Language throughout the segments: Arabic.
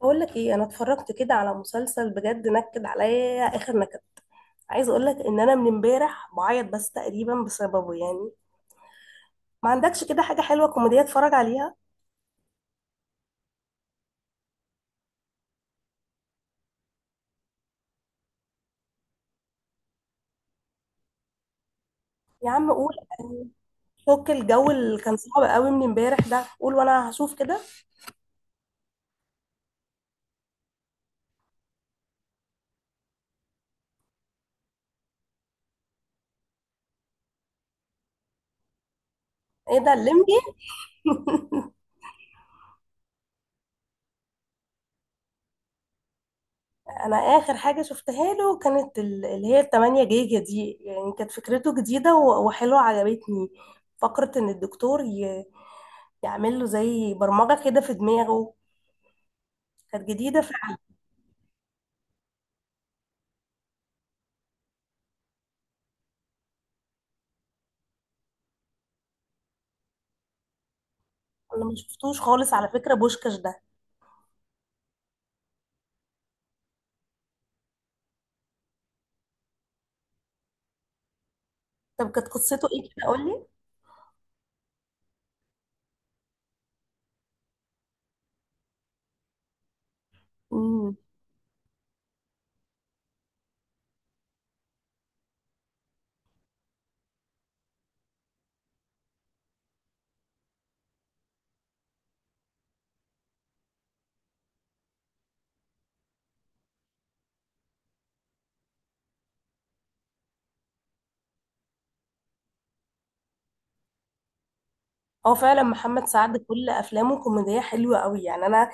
بقول لك ايه، انا اتفرجت كده على مسلسل بجد نكد عليا اخر نكد. عايز اقول لك ان انا من امبارح بعيط بس تقريبا بسببه يعني. ما عندكش كده حاجه حلوه كوميديه اتفرج عليها؟ يا عم قول. فك الجو اللي كان صعب قوي من امبارح ده، قول وانا هشوف كده. ايه ده الليمبي؟ انا اخر حاجه شفتها له كانت اللي هي التمانية جيجا دي، يعني كانت فكرته جديده وحلوه عجبتني. فكره ان الدكتور يعمل له زي برمجه كده في دماغه. كانت جديده. انا ما شفتوش خالص على فكره بوشكاش ده. طب كانت قصته ايه كده؟ قول لي. امم. هو فعلا محمد سعد كل افلامه كوميديه حلوه قوي يعني. انا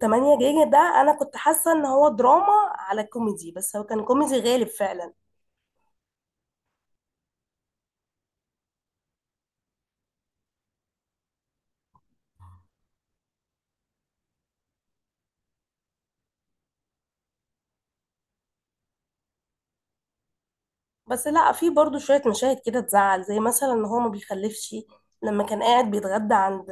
8 جيجا ده انا كنت حاسه ان هو دراما على كوميدي، بس هو كان كوميدي غالب فعلا. بس لا، في برضو شويه مشاهد كده تزعل، زي مثلا ان هو ما بيخلفش. لما كان قاعد بيتغدى عند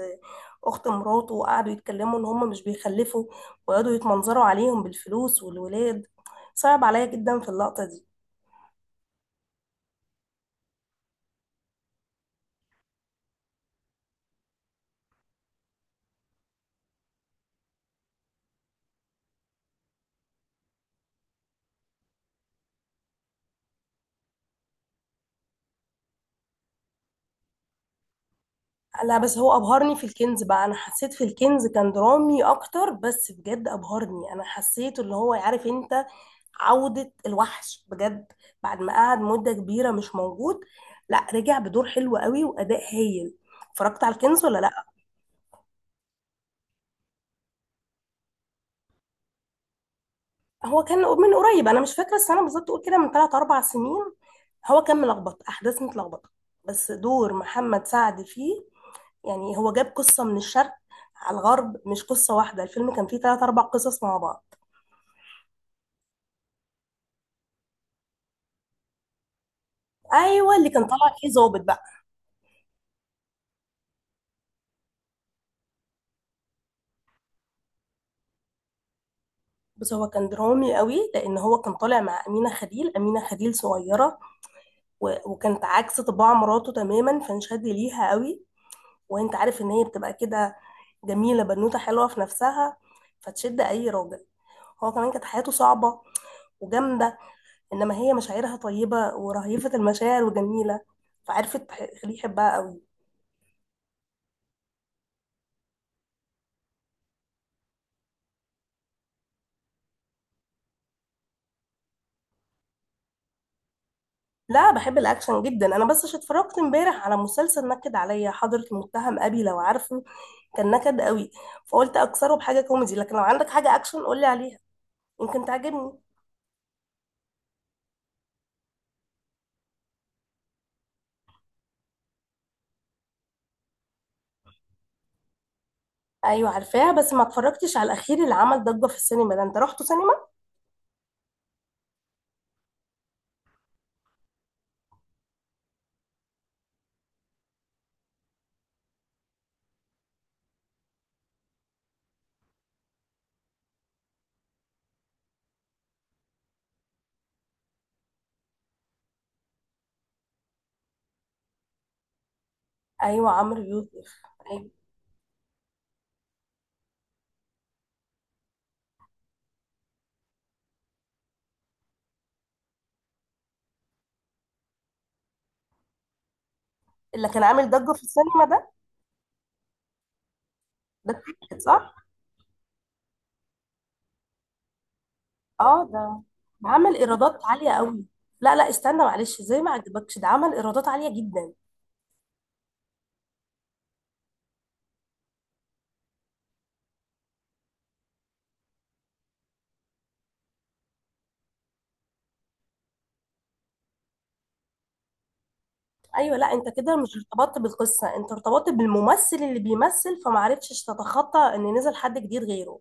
اخت مراته وقعدوا يتكلموا ان هم مش بيخلفوا، وقعدوا يتمنظروا عليهم بالفلوس والولاد. صعب عليا جدا في اللقطه دي. لا بس هو ابهرني في الكنز بقى، انا حسيت في الكنز كان درامي اكتر، بس بجد ابهرني. انا حسيت اللي هو عارف انت، عودة الوحش بجد، بعد ما قعد مدة كبيرة مش موجود. لا رجع بدور حلو قوي واداء هايل. اتفرجت على الكنز ولا لا؟ هو كان من قريب، انا مش فاكرة السنة بالظبط، قول كده من 3 4 سنين. هو كان ملخبط، احداث متلخبطة، بس دور محمد سعد فيه يعني هو جاب قصة من الشرق على الغرب. مش قصة واحدة، الفيلم كان فيه ثلاث أربع قصص مع بعض. ايوه، اللي كان طالع فيه ظابط بقى. بس هو كان درامي قوي، لان هو كان طالع مع امينه خليل. امينه خليل صغيره وكانت عكس طباع مراته تماما، فانشد ليها قوي. وانت عارف ان هي بتبقى كده جميله، بنوته حلوه في نفسها، فتشد اي راجل. هو كمان كانت حياته صعبه وجامده، انما هي مشاعرها طيبه، ورهيفه المشاعر وجميله، فعرفت تخليه يحبها قوي. لا بحب الاكشن جدا انا، بس عشان اتفرجت امبارح على مسلسل نكد عليا، حضرة المتهم ابي لو عارفه. كان نكد قوي. فقلت اكسره بحاجه كوميدي، لكن لو عندك حاجه اكشن قولي عليها، يمكن تعجبني. ايوه عارفاها، بس ما اتفرجتش على الاخير اللي عمل ضجه في السينما ده. انت رحتوا سينما؟ ايوه، عمرو يوسف. ايوه، اللي كان عامل ضجه في السينما ده. ده التيكت صح. اه، ده عمل ايرادات عاليه قوي. لا لا، استنى معلش، زي ما عجبكش ده عمل ايرادات عاليه جدا. ايوه، لا انت كده مش ارتبطت بالقصه، انت ارتبطت بالممثل اللي بيمثل، فما عرفتش تتخطى ان نزل حد جديد غيره.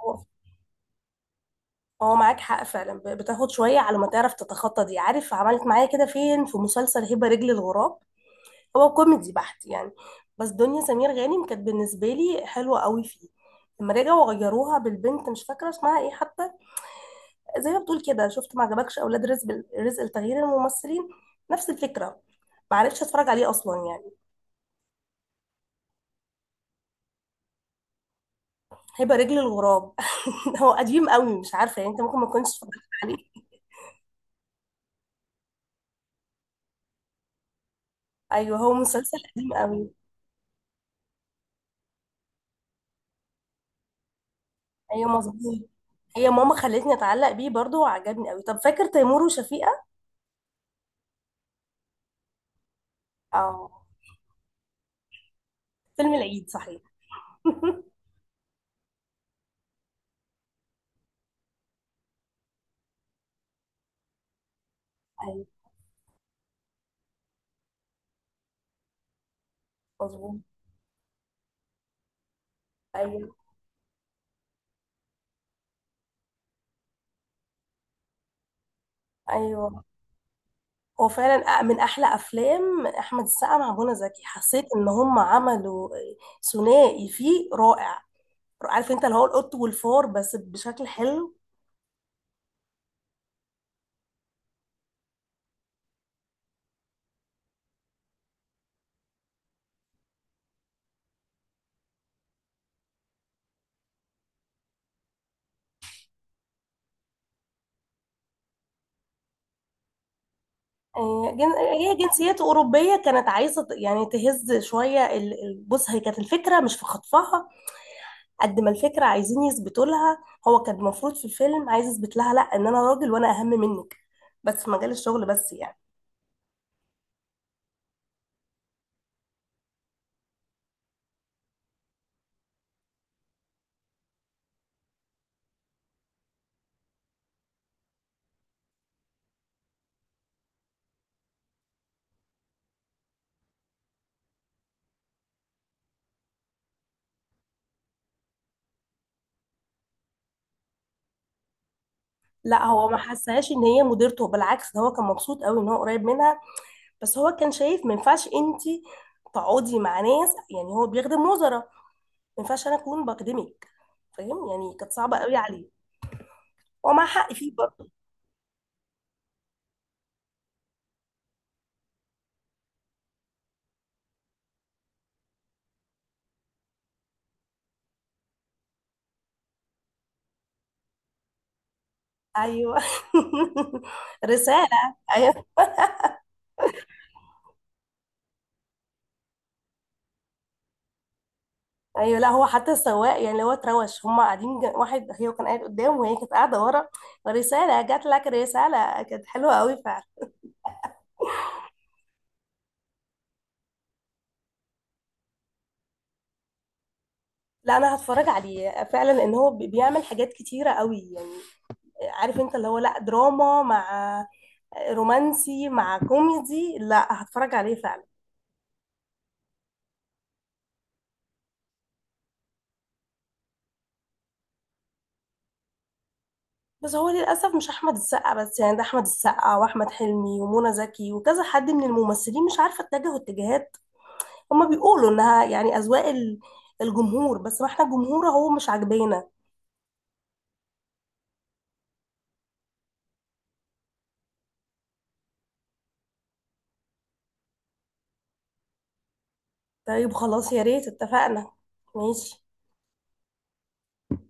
هو هو معاك حق فعلا. بتاخد شويه على ما تعرف تتخطى دي. عارف عملت معايا كده فين؟ في مسلسل هبه رجل الغراب. هو كوميدي بحت يعني، بس دنيا سمير غانم كانت بالنسبه لي حلوه قوي فيه. لما رجعوا غيروها بالبنت مش فاكره اسمها ايه حتى، زي ما بتقول كده، شفت ما عجبكش اولاد رزق لتغيير الممثلين، نفس الفكره، ما عرفتش اتفرج عليه اصلا يعني. هيبقى رجل الغراب. هو قديم قوي، مش عارفه، يعني انت ممكن ما كنتش اتفرجت عليه. ايوه، هو مسلسل قديم قوي. ايوه مظبوط. هي ماما خلتني اتعلق بيه برضو وعجبني قوي. طب فاكر تيمور وشفيقه؟ اه، فيلم العيد صحيح. ايوه مظبوط. ايوه، ايوه هو فعلا من احلى افلام احمد السقا مع منى زكي. حسيت ان هم عملوا ثنائي فيه رائع. عارف انت اللي هو القط والفار، بس بشكل حلو. هي جنسيته أوروبية، كانت عايزة يعني تهز شوية بص هي كانت الفكرة مش في خطفها. قد ما الفكرة عايزين يثبتوا لها، هو كان المفروض في الفيلم عايز يثبت لها لا، إن أنا راجل وأنا أهم منك، بس في مجال الشغل بس يعني. لا هو ما حسهاش إن هي مديرته، بالعكس ده هو كان مبسوط قوي إن هو قريب منها. بس هو كان شايف ما ينفعش أنت تقعدي مع ناس، يعني هو بيخدم وزراء، ما ينفعش أنا أكون بخدمك، فاهم يعني؟ كانت صعبة قوي عليه، ومع حق فيه. ايوه. رساله. ايوه، ايوه لا، هو حتى السواق يعني اللي هو اتروش هم قاعدين واحد هي كان قاعد قدام وهي كانت قاعده ورا. رساله جات لك، رساله كانت حلوه قوي فعلا. لا انا هتفرج عليه فعلا، لان هو بيعمل حاجات كتيره قوي يعني. عارف انت اللي هو لا، دراما مع رومانسي مع كوميدي. لا هتفرج عليه فعلا. بس هو للاسف مش احمد السقا بس يعني، ده احمد السقا واحمد حلمي ومنى زكي وكذا حد من الممثلين مش عارفه اتجهوا اتجاهات. هما بيقولوا انها يعني اذواق الجمهور، بس ما احنا الجمهور هو مش عاجبانا. طيب خلاص يا ريت اتفقنا. ماشي.